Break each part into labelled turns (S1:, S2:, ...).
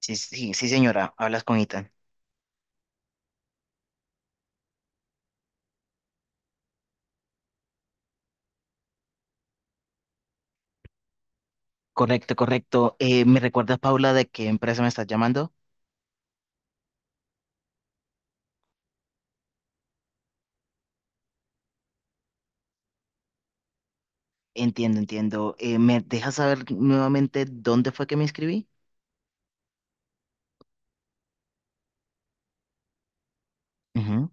S1: Sí, sí, sí, señora, hablas con Ethan. Correcto, correcto. ¿Me recuerdas, Paula, de qué empresa me estás llamando? Entiendo, entiendo. ¿Me dejas saber nuevamente dónde fue que me inscribí? Ujú.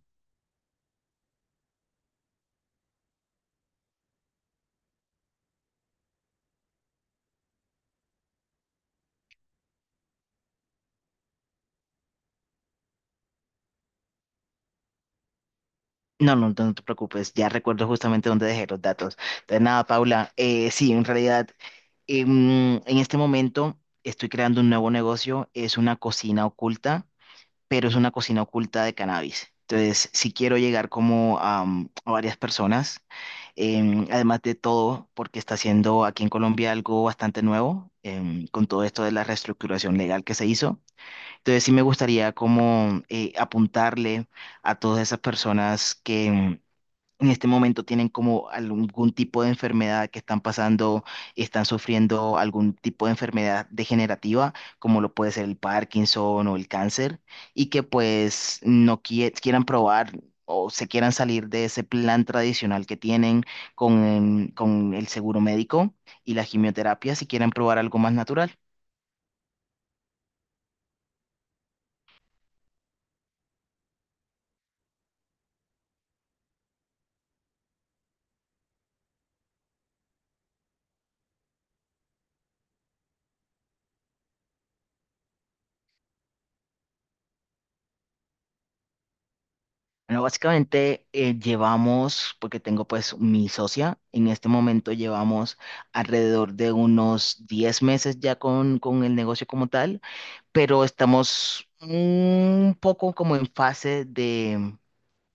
S1: No, no, no te preocupes, ya recuerdo justamente dónde dejé los datos. Entonces, nada, Paula, sí, en realidad, en este momento estoy creando un nuevo negocio, es una cocina oculta, pero es una cocina oculta de cannabis. Entonces, si quiero llegar como a varias personas. Además de todo, porque está haciendo aquí en Colombia algo bastante nuevo con todo esto de la reestructuración legal que se hizo. Entonces sí me gustaría como apuntarle a todas esas personas que, en este momento tienen como algún tipo de enfermedad que están pasando, están sufriendo algún tipo de enfermedad degenerativa, como lo puede ser el Parkinson o el cáncer, y que pues no quie- quieran probar. O se quieran salir de ese plan tradicional que tienen con el seguro médico y la quimioterapia si quieren probar algo más natural. Bueno, básicamente llevamos, porque tengo pues mi socia, en este momento llevamos alrededor de unos 10 meses ya con el negocio como tal, pero estamos un poco como en fase de,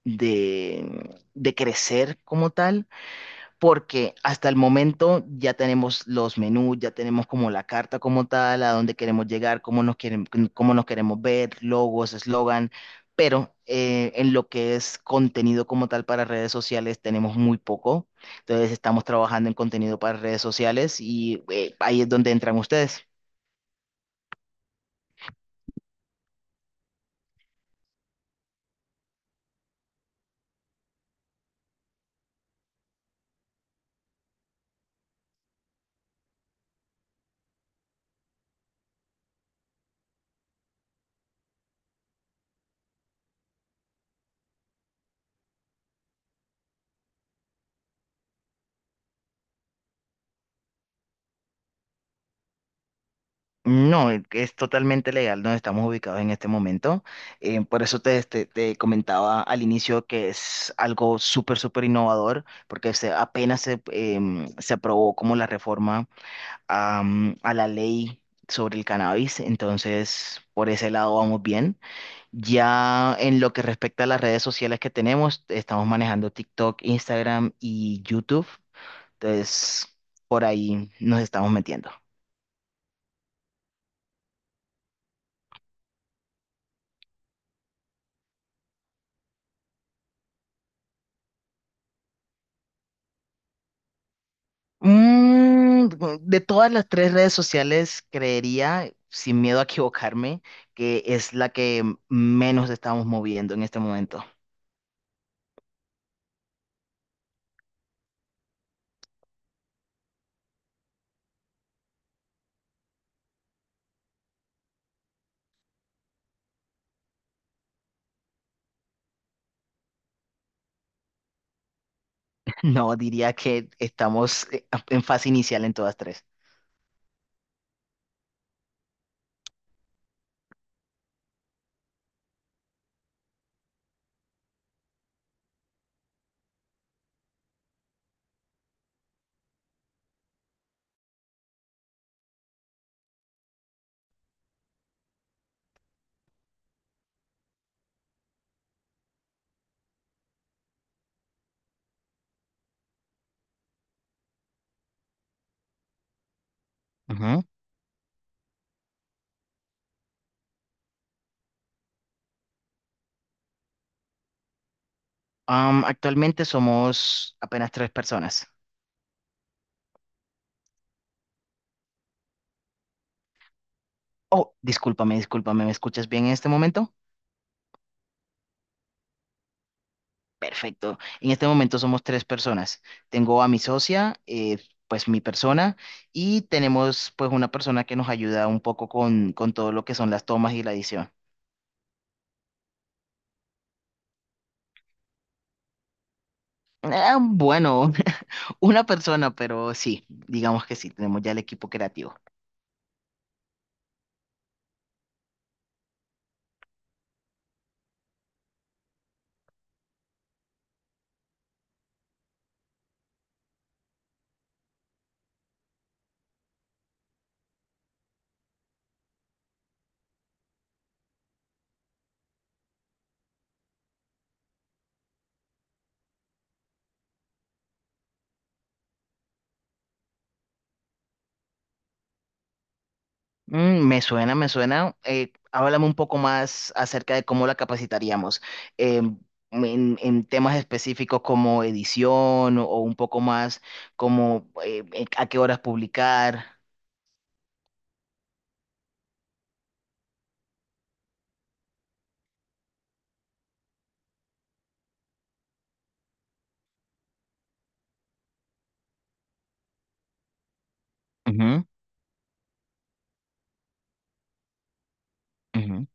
S1: de, de crecer como tal porque hasta el momento ya tenemos los menús, ya tenemos como la carta como tal, a dónde queremos llegar, cómo nos quieren, cómo nos queremos ver, logos, eslogan, pero en lo que es contenido como tal para redes sociales tenemos muy poco. Entonces estamos trabajando en contenido para redes sociales y ahí es donde entran ustedes. No, es totalmente legal donde estamos ubicados en este momento. Por eso te comentaba al inicio que es algo súper, súper innovador, porque se, apenas se, em, se aprobó como la reforma a la ley sobre el cannabis. Entonces, por ese lado vamos bien. Ya en lo que respecta a las redes sociales que tenemos, estamos manejando TikTok, Instagram y YouTube. Entonces, por ahí nos estamos metiendo. Mm, de todas las tres redes sociales, creería, sin miedo a equivocarme, que es la que menos estamos moviendo en este momento. No, diría que estamos en fase inicial en todas tres. Ujú. Actualmente somos apenas tres personas. Oh, discúlpame, discúlpame, ¿me escuchas bien en este momento? Perfecto. En este momento somos tres personas. Tengo a mi socia, pues mi persona, y tenemos pues una persona que nos ayuda un poco con todo lo que son las tomas y la edición. Ah, bueno, una persona, pero sí, digamos que sí, tenemos ya el equipo creativo. Mm, me suena, me suena. Háblame un poco más acerca de cómo la capacitaríamos. Em, en temas específicos como edición o un poco más como a qué horas publicar. Ujú, ujú.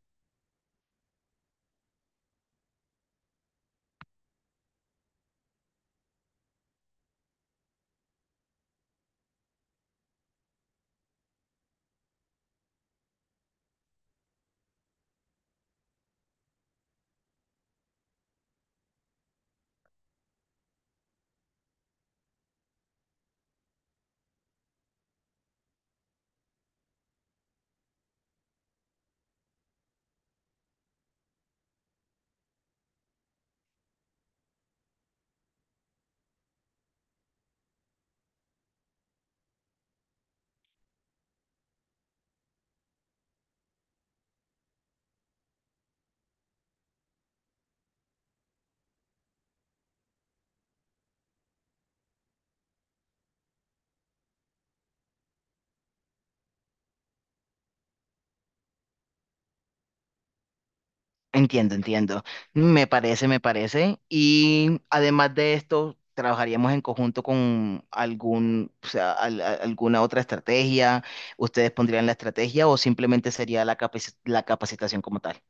S1: Entiendo, entiendo. Me parece, me parece. Y además de esto, trabajaríamos en conjunto con algún, o sea, alguna otra estrategia. ¿Ustedes pondrían la estrategia o simplemente sería la la capacitación como tal?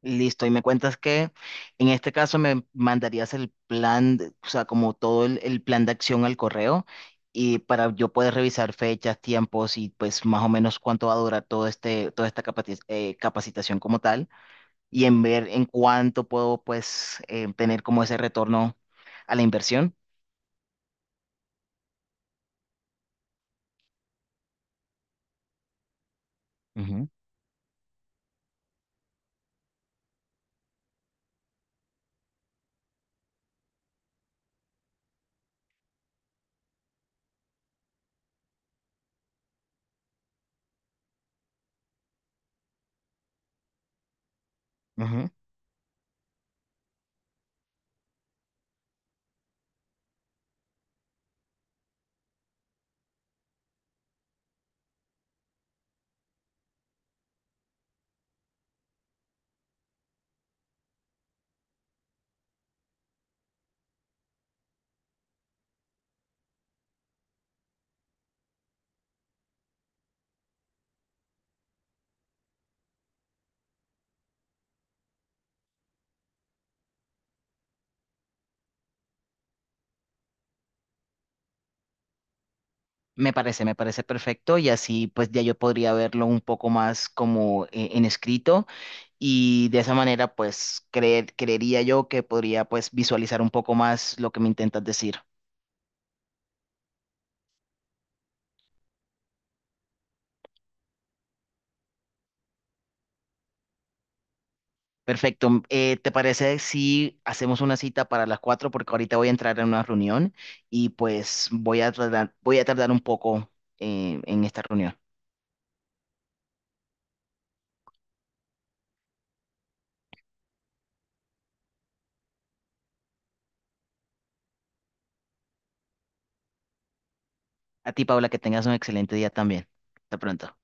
S1: Listo, y me cuentas que en este caso me mandarías el plan, de- o sea, como todo el plan de acción al correo y para yo poder revisar fechas, tiempos y pues más o menos cuánto va a durar todo este, toda esta capacitación como tal y en ver en cuánto puedo pues tener como ese retorno a la inversión. Ujú, ujú. Me parece perfecto y así pues ya yo podría verlo un poco más como en escrito y de esa manera pues creería yo que podría pues visualizar un poco más lo que me intentas decir. Perfecto. ¿Te parece si hacemos una cita para las cuatro? Porque ahorita voy a entrar en una reunión y pues voy a tardar un poco en esta reunión. A ti, Paula, que tengas un excelente día también. Hasta pronto.